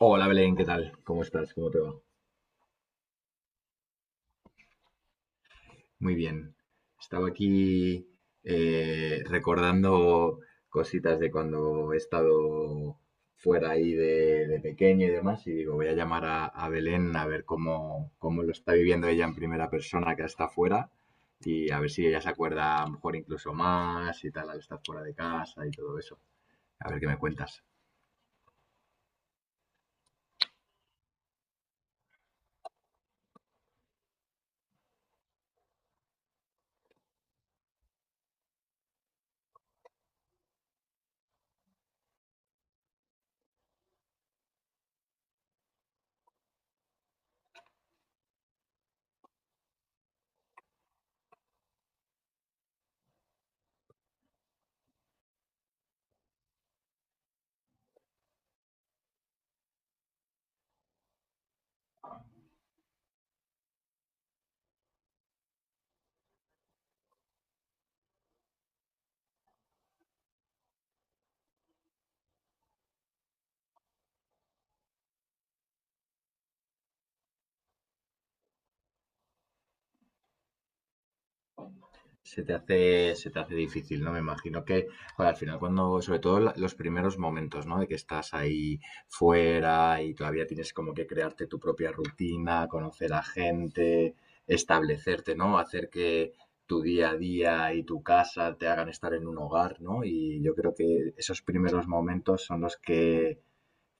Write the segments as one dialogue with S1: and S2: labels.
S1: Hola Belén, ¿qué tal? ¿Cómo estás? ¿Cómo te va? Muy bien. Estaba aquí, recordando cositas de cuando he estado fuera ahí de pequeño y demás, y digo, voy a llamar a Belén a ver cómo lo está viviendo ella en primera persona, que está fuera, y a ver si ella se acuerda a lo mejor incluso más y tal al estar fuera de casa y todo eso. A ver qué me cuentas. Se te hace difícil, ¿no? Me imagino que, joder, al final cuando, sobre todo los primeros momentos, ¿no? De que estás ahí fuera y todavía tienes como que crearte tu propia rutina, conocer a gente, establecerte, ¿no? Hacer que tu día a día y tu casa te hagan estar en un hogar, ¿no? Y yo creo que esos primeros momentos son los que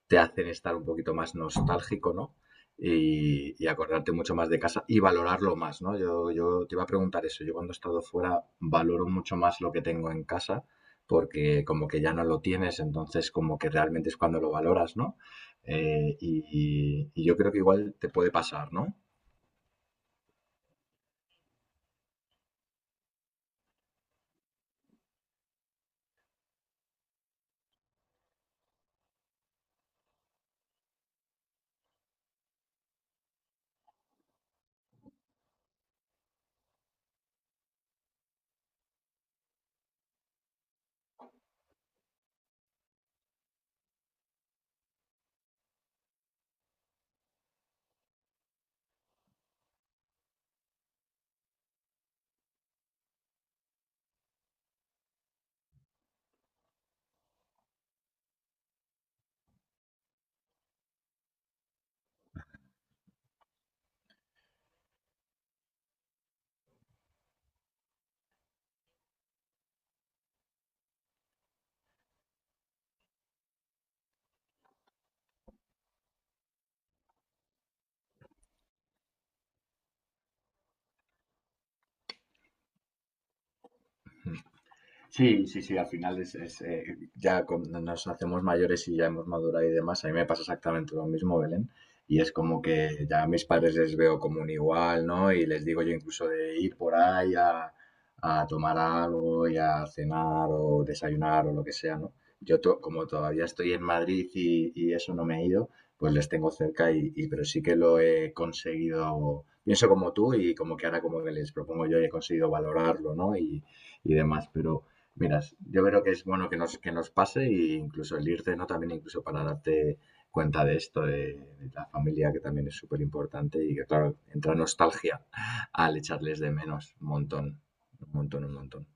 S1: te hacen estar un poquito más nostálgico, ¿no? Y acordarte mucho más de casa y valorarlo más, ¿no? Yo te iba a preguntar eso. Yo cuando he estado fuera valoro mucho más lo que tengo en casa, porque como que ya no lo tienes, entonces como que realmente es cuando lo valoras, ¿no? Y yo creo que igual te puede pasar, ¿no? Sí, sí, sí, al final es, ya cuando nos hacemos mayores y ya hemos madurado y demás, a mí me pasa exactamente lo mismo, Belén, y es como que ya a mis padres les veo como un igual, ¿no? Y les digo yo incluso de ir por ahí a tomar algo y a cenar o desayunar o lo que sea, ¿no? Como todavía estoy en Madrid y eso, no me he ido, pues les tengo cerca y pero sí que lo he conseguido, pienso como tú, y como que ahora como que les propongo yo y he conseguido valorarlo, ¿no? Y demás, pero... Miras, yo creo que es bueno que nos pase, e incluso el irte, ¿no? También incluso para darte cuenta de esto, de la familia, que también es súper importante y que, claro, entra nostalgia al echarles de menos un montón, un montón, un montón.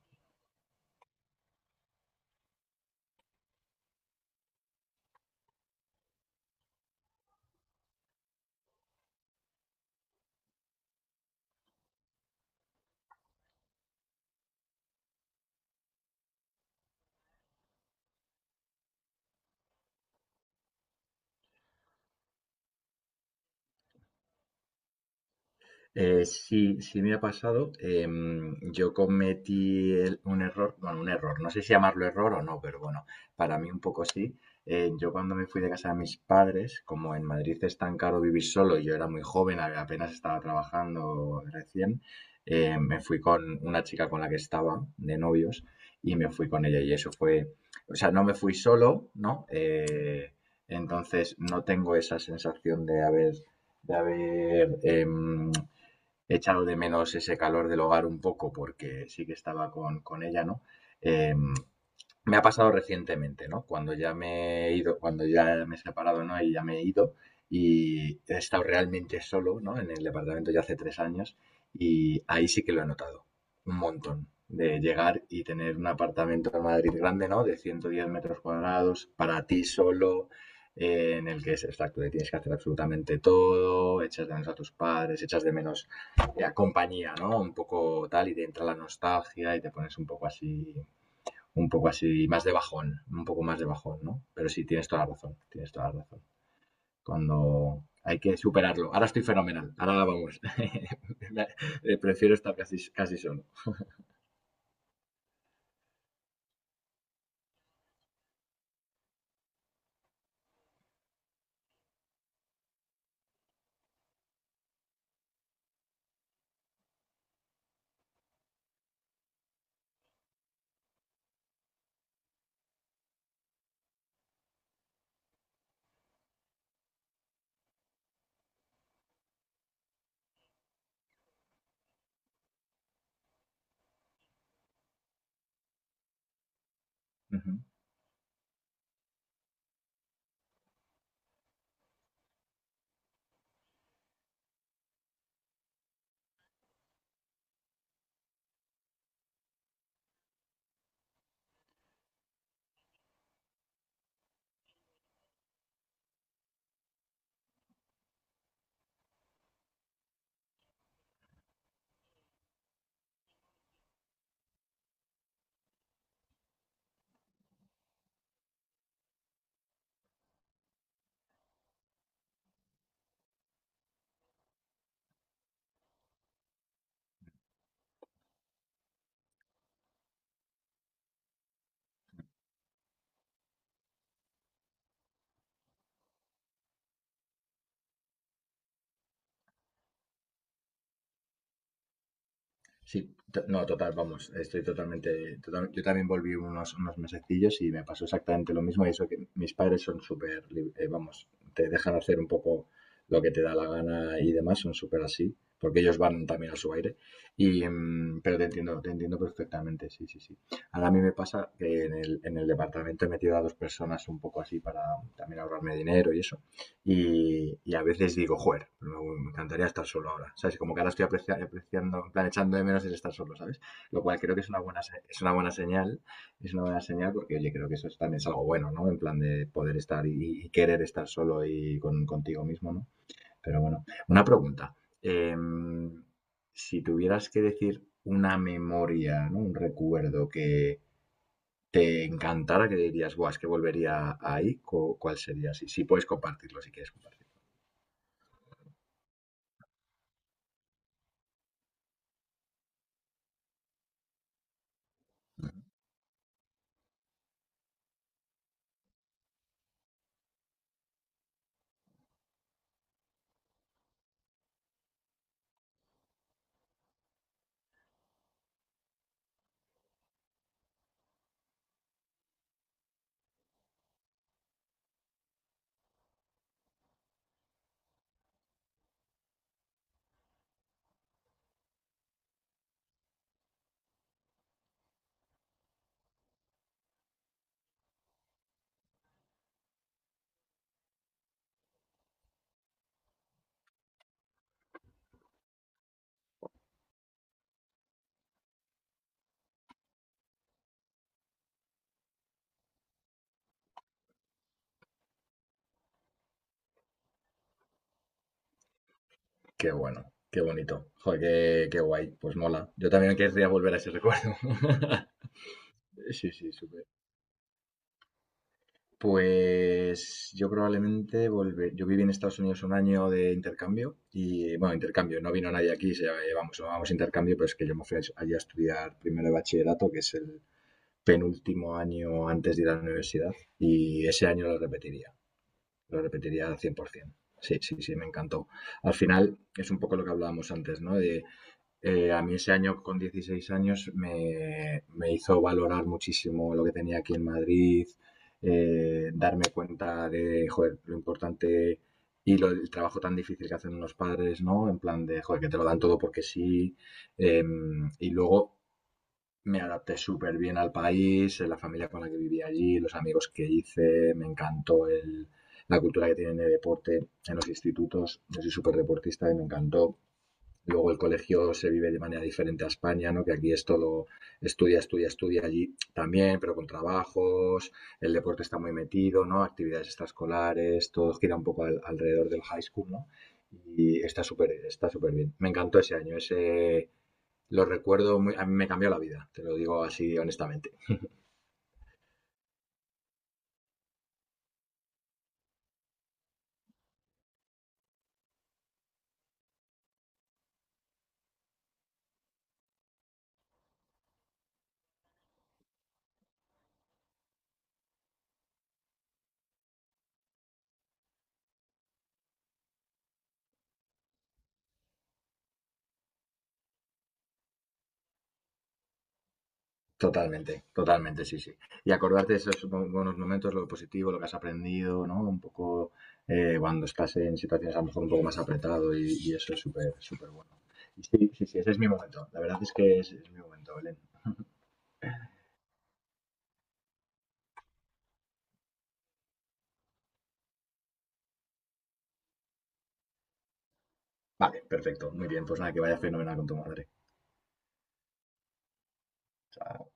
S1: Sí, sí, me ha pasado. Yo cometí un error, bueno, un error, no sé si llamarlo error o no, pero bueno, para mí un poco sí. Yo cuando me fui de casa de mis padres, como en Madrid es tan caro vivir solo y yo era muy joven, apenas estaba trabajando recién, me fui con una chica con la que estaba de novios y me fui con ella y eso fue, o sea, no me fui solo, ¿no? Entonces no tengo esa sensación de haber, de haber em, he echado de menos ese calor del hogar un poco, porque sí que estaba con ella, ¿no? Eh, Me ha pasado recientemente, ¿no? Cuando ya me he ido, cuando ya me he separado, ¿no? Y ya me he ido y he estado realmente solo, ¿no? En el departamento ya hace tres años, y ahí sí que lo he notado un montón. De llegar y tener un apartamento en Madrid grande, ¿no? De 110 metros cuadrados para ti solo, en el que es exacto, que tienes que hacer absolutamente todo, echas de menos a tus padres, echas de menos la compañía, ¿no? Un poco tal, y te entra la nostalgia y te pones un poco así, más de bajón, un poco más de bajón, ¿no? Pero sí, tienes toda la razón, tienes toda la razón. Cuando hay que superarlo. Ahora estoy fenomenal, ahora vamos. Prefiero estar casi, casi solo. Ujú. Sí, no, total, vamos, estoy totalmente, yo también volví unos mesecillos y me pasó exactamente lo mismo, y eso que mis padres son súper, vamos, te dejan hacer un poco lo que te da la gana y demás, son súper así, porque ellos van también a su aire, y pero te entiendo perfectamente, sí, sí, sí. Ahora a mí me pasa que en en el departamento he metido a dos personas un poco así, para también ahorrarme dinero y eso, y a veces digo, joder, me encantaría estar solo ahora, ¿sabes? Como que ahora estoy apreciando, en plan, echando de menos el estar solo, ¿sabes? Lo cual creo que es una es una buena señal, es una buena señal, porque, oye, creo que también es algo bueno, ¿no? En plan de poder estar y querer estar solo y contigo mismo, ¿no? Pero bueno, una pregunta. em, si tuvieras que decir una memoria, ¿no? Un recuerdo que te encantara, que dirías, guau, es que volvería ahí, ¿cuál sería? Si, si puedes compartirlo, si quieres compartirlo. Qué bueno, qué bonito. Joder, qué guay, pues mola. Yo también querría volver a ese recuerdo. Sí, sí, súper. Pues yo probablemente volver. Yo viví en Estados Unidos un año de intercambio y, bueno, intercambio, no vino nadie aquí, vamos, llamamos intercambio, pero es que yo me fui allí a estudiar primero de bachillerato, que es el penúltimo año antes de ir a la universidad, y ese año lo repetiría al 100%. Sí, sí, sí, me encantó. Al final es un poco lo que hablábamos antes, ¿no? A mí ese año con 16 años me hizo valorar muchísimo lo que tenía aquí en Madrid, darme cuenta de, joder, lo importante y lo, el trabajo tan difícil que hacen los padres, ¿no? En plan de, joder, que te lo dan todo porque sí. Y luego me adapté súper bien al país, la familia con la que viví allí, los amigos que hice, me encantó la cultura que tienen de deporte en los institutos. Yo soy súper deportista y me encantó. Luego el colegio se vive de manera diferente a España, ¿no? Que aquí es todo estudia, estudia, estudia, allí también, pero con trabajos, el deporte está muy metido, ¿no? Actividades extraescolares, todo gira un poco alrededor del high school, ¿no? Y está súper bien. Me encantó ese año, ese lo recuerdo, muy- a mí me cambió la vida, te lo digo así honestamente. Totalmente, totalmente, sí, sí. Y acordarte de esos buenos momentos, lo positivo, lo que has aprendido, ¿no? Un poco, cuando estás en situaciones a lo mejor un poco más apretado, y eso es súper, súper bueno. Y sí, sí, sí, ese es mi momento. La verdad es que es mi momento, Belén. Vale, perfecto, muy bien. Pues nada, que vaya fenomenal con tu madre. O sea,